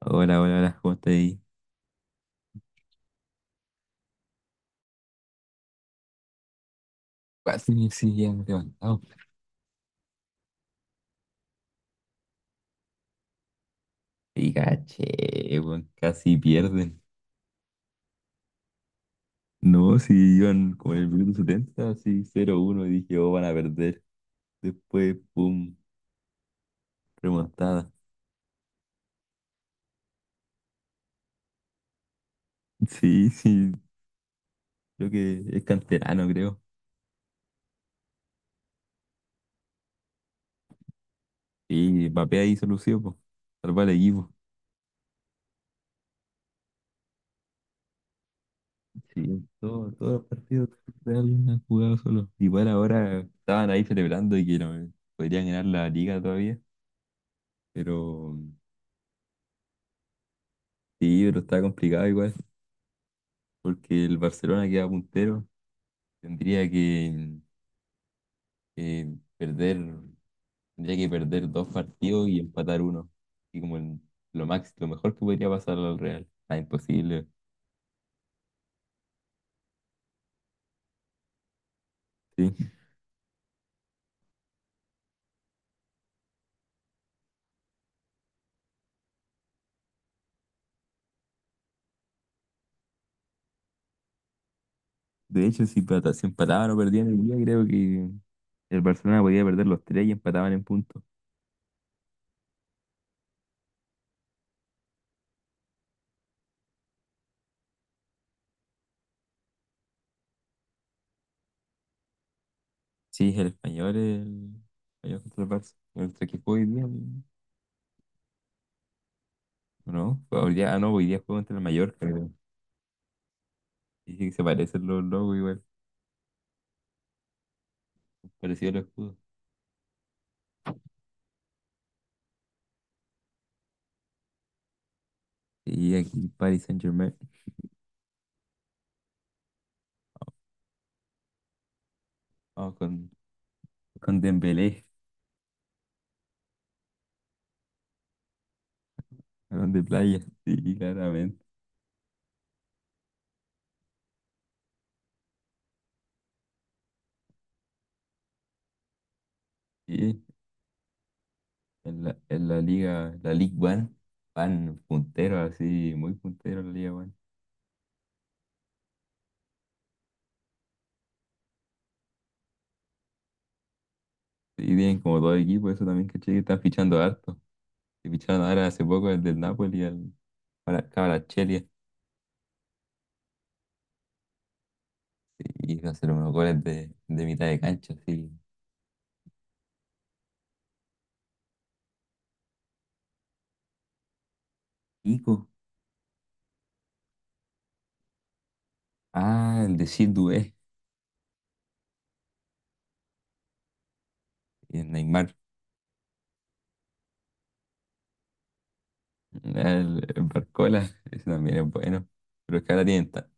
Hola, hola, hola, ¿cómo estás ahí? Casi me exigían levantado. Y caché, weón, casi pierden. No, si iban como en el minuto 70, así 0-1, y dije, oh, van a perder. Después, pum, remontada. Sí, sí, creo que es canterano, creo. Y Mbappé ahí solución, pues, salvar al equipo. Sí, todos los partidos de alguien han jugado solo. Igual ahora estaban ahí celebrando y que no, podrían ganar la liga todavía, pero sí, pero está complicado igual. Porque el Barcelona queda puntero. Tendría que perder, tendría que perder dos partidos y empatar uno. Y lo máximo, lo mejor que podría pasar al Real. Ah, imposible. Sí. De hecho, si, si empataban o perdían el día, creo que el Barcelona podía perder los tres y empataban en puntos. Sí, el español contra el Barça. ¿Contra qué jugó hoy día? ¿O no? Fue hoy día, ah, no, hoy día juego contra el Mallorca. Creo. Dice que se parecen los logos igual, parecido al escudo. Y aquí Paris Saint-Germain. Ah, con Dembélé, con de playa. Sí, claramente. Sí. En la liga, la League One, van punteros así, muy punteros la Liga One. Sí, tienen como dos equipos, eso también caché que están fichando harto. Y ficharon ahora hace poco el del Napoli, el Kvaratskhelia, y va a hacer unos goles de mitad de cancha, sí. Pico. Ah, el de Siddué, el Neymar. El Barcola, ese también es bueno. Pero es que ahora tienen,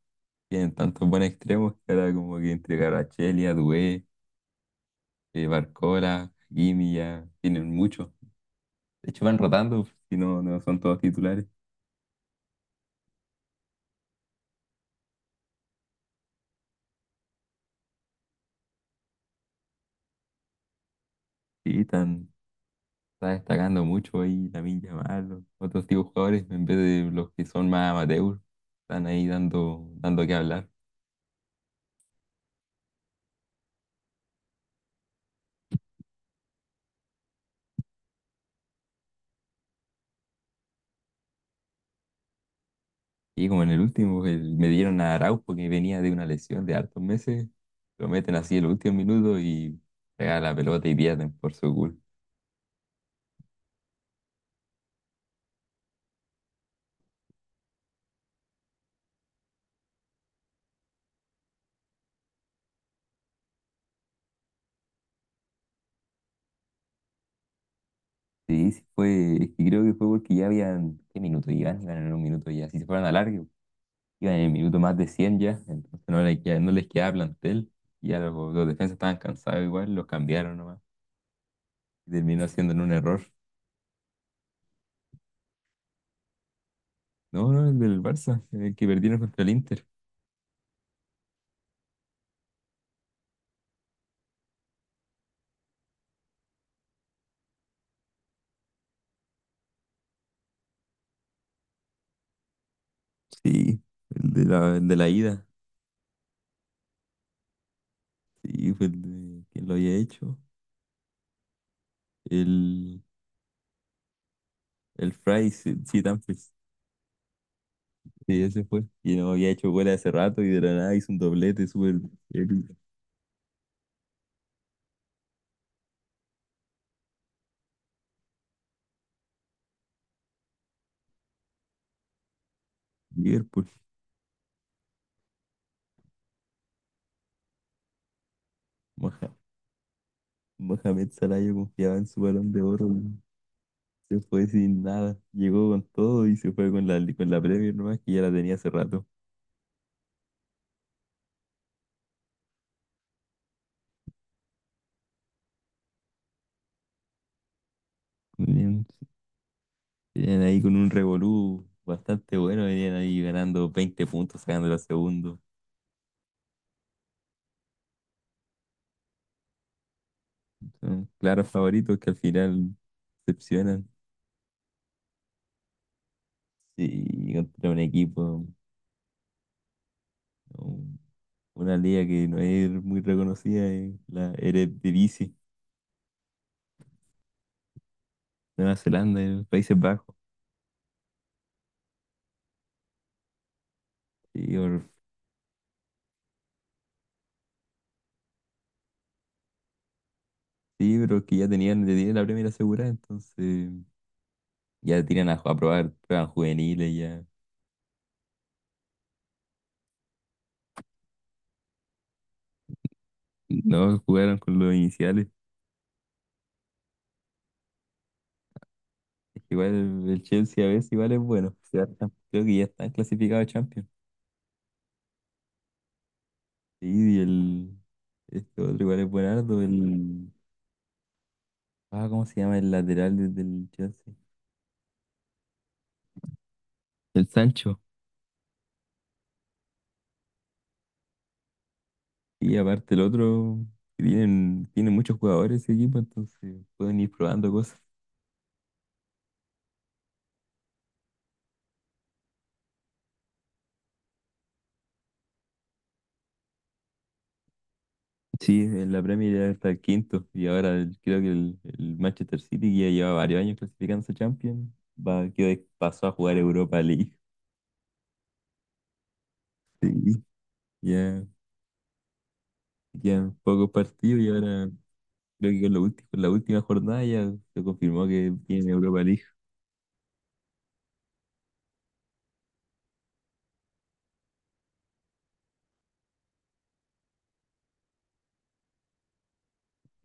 tienen tantos buenos extremos que ahora como que entre Kvaratskhelia, Dubé, Barcola, Hakimi ya tienen mucho. De hecho van rotando, si no, no son todos titulares. Sí, están, está destacando mucho ahí Lamine Yamal, otros tipos de jugadores, en vez de los que son más amateurs, están ahí dando que hablar. Y como en el último, me dieron a Araujo que venía de una lesión de hartos meses, lo meten así el último minuto y pega la pelota y pierden por su culpa. Sí, sí fue, es que creo que fue porque ya habían, ¿qué minuto iban? Iban en un minuto ya, si se fueran a largo, iban en el minuto más de 100 ya, entonces no les quedaba plantel, y ya los defensas estaban cansados igual, los cambiaron nomás, y terminó siendo en un error. No, no, el del Barça, el que perdieron contra el Inter. Sí, el de la ida, sí, fue el de, ¿quién lo había hecho? El, el Fry, sí, sí, Dumfries. Sí, ese fue. Y no había hecho gol hace rato y de la nada hizo un doblete súper el Liverpool. Mohamed Salah yo confiaba en su balón de oro, weón. Se fue sin nada. Llegó con todo y se fue con la Premier nomás que ya la tenía hace rato. Venían, venían ahí con un revolú bastante bueno. Venían ahí ganando 20 puntos, sacando la segundo. Son claros favoritos que al final decepcionan. Sí, contra un equipo, un- una liga que no es muy reconocida, la Eredivisie, Nueva Zelanda, Países Bajos. Sí, sí, pero es que ya tenían la primera asegurada, entonces ya tiran a probar pruebas juveniles, ya. No jugaron con los iniciales. Es que igual el Chelsea a veces igual es bueno. Creo que ya están clasificados a Champions. Sí, y el este otro igual es buenardo, el ah, ¿cómo se llama el lateral del Chelsea? El Sancho. Y aparte el otro, tienen muchos jugadores ese equipo, entonces pueden ir probando cosas. Sí, en la Premier ya está el quinto y ahora creo que el Manchester City que ya lleva varios años clasificándose a Champions, va, que pasó a jugar Europa League. Sí, ya quedan pocos partidos y ahora creo que lo último, con la última jornada ya se confirmó que tiene Europa League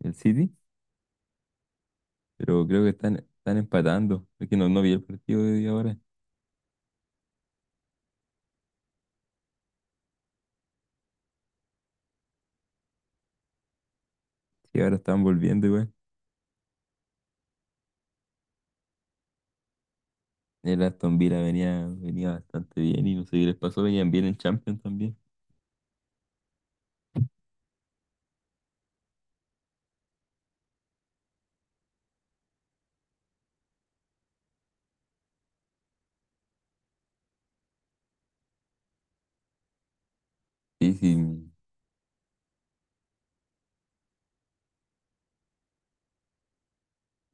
el City, pero creo que están, están empatando. Es que no, no vi el partido de ahora. Sí, ahora están volviendo igual. El Aston Villa venía, venía bastante bien y no sé qué les pasó, venían bien en Champions también. Sí, sí.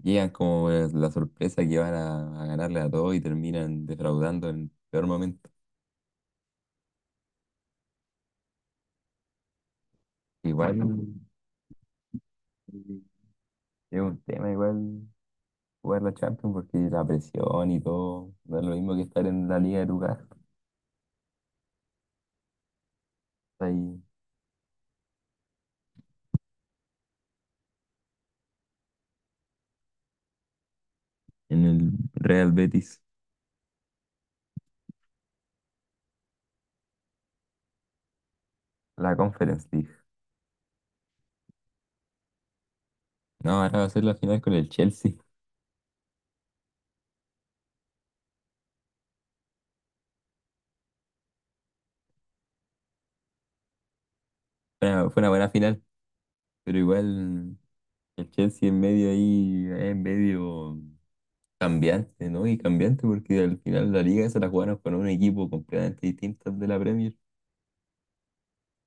Llegan como la sorpresa que van a ganarle a todos y terminan defraudando en el peor momento. Igual eh, es un tema, igual jugar la Champions porque la presión y todo no es lo mismo que estar en la liga de tu casa, ahí en el Real Betis, la Conference League. No, ahora va a ser la final con el Chelsea. Fue una buena final, pero igual el Chelsea en medio ahí, en medio. Cambiante, ¿no? Y cambiante porque al final la liga se la jugaron con un equipo completamente distinto al de la Premier.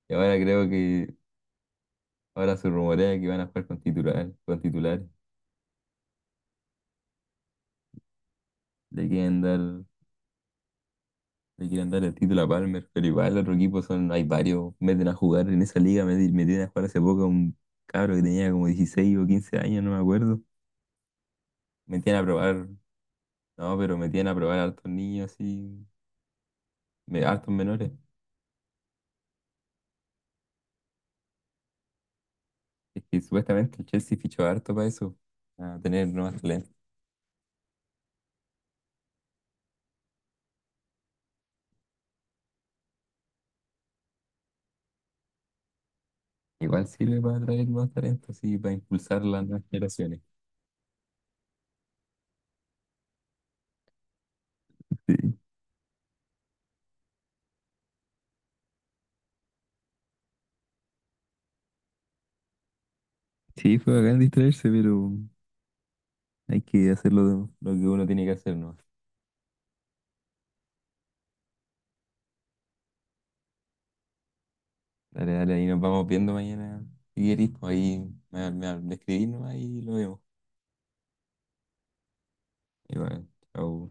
Y ahora creo que ahora se rumorea que van a jugar con titulares. Le quieren dar, le quieren dar el título a Palmer, pero igual el otro equipo son, hay varios, meten a jugar en esa liga, metieron a jugar hace poco a un cabro que tenía como 16 o 15 años, no me acuerdo. Metían a probar, no, pero metían a probar a hartos niños así, hartos menores. Es que supuestamente el Chelsea fichó harto para eso, a tener nuevas talentos. Igual sirve para atraer más talentos y para impulsar las nuevas generaciones. Sí, sí, fue bacán distraerse, pero hay que hacerlo. Lo que uno tiene que hacer, ¿no? Dale, dale, ahí nos vamos viendo mañana. Si querís, pues ahí me escribís nomás y lo vemos. Igual, chao.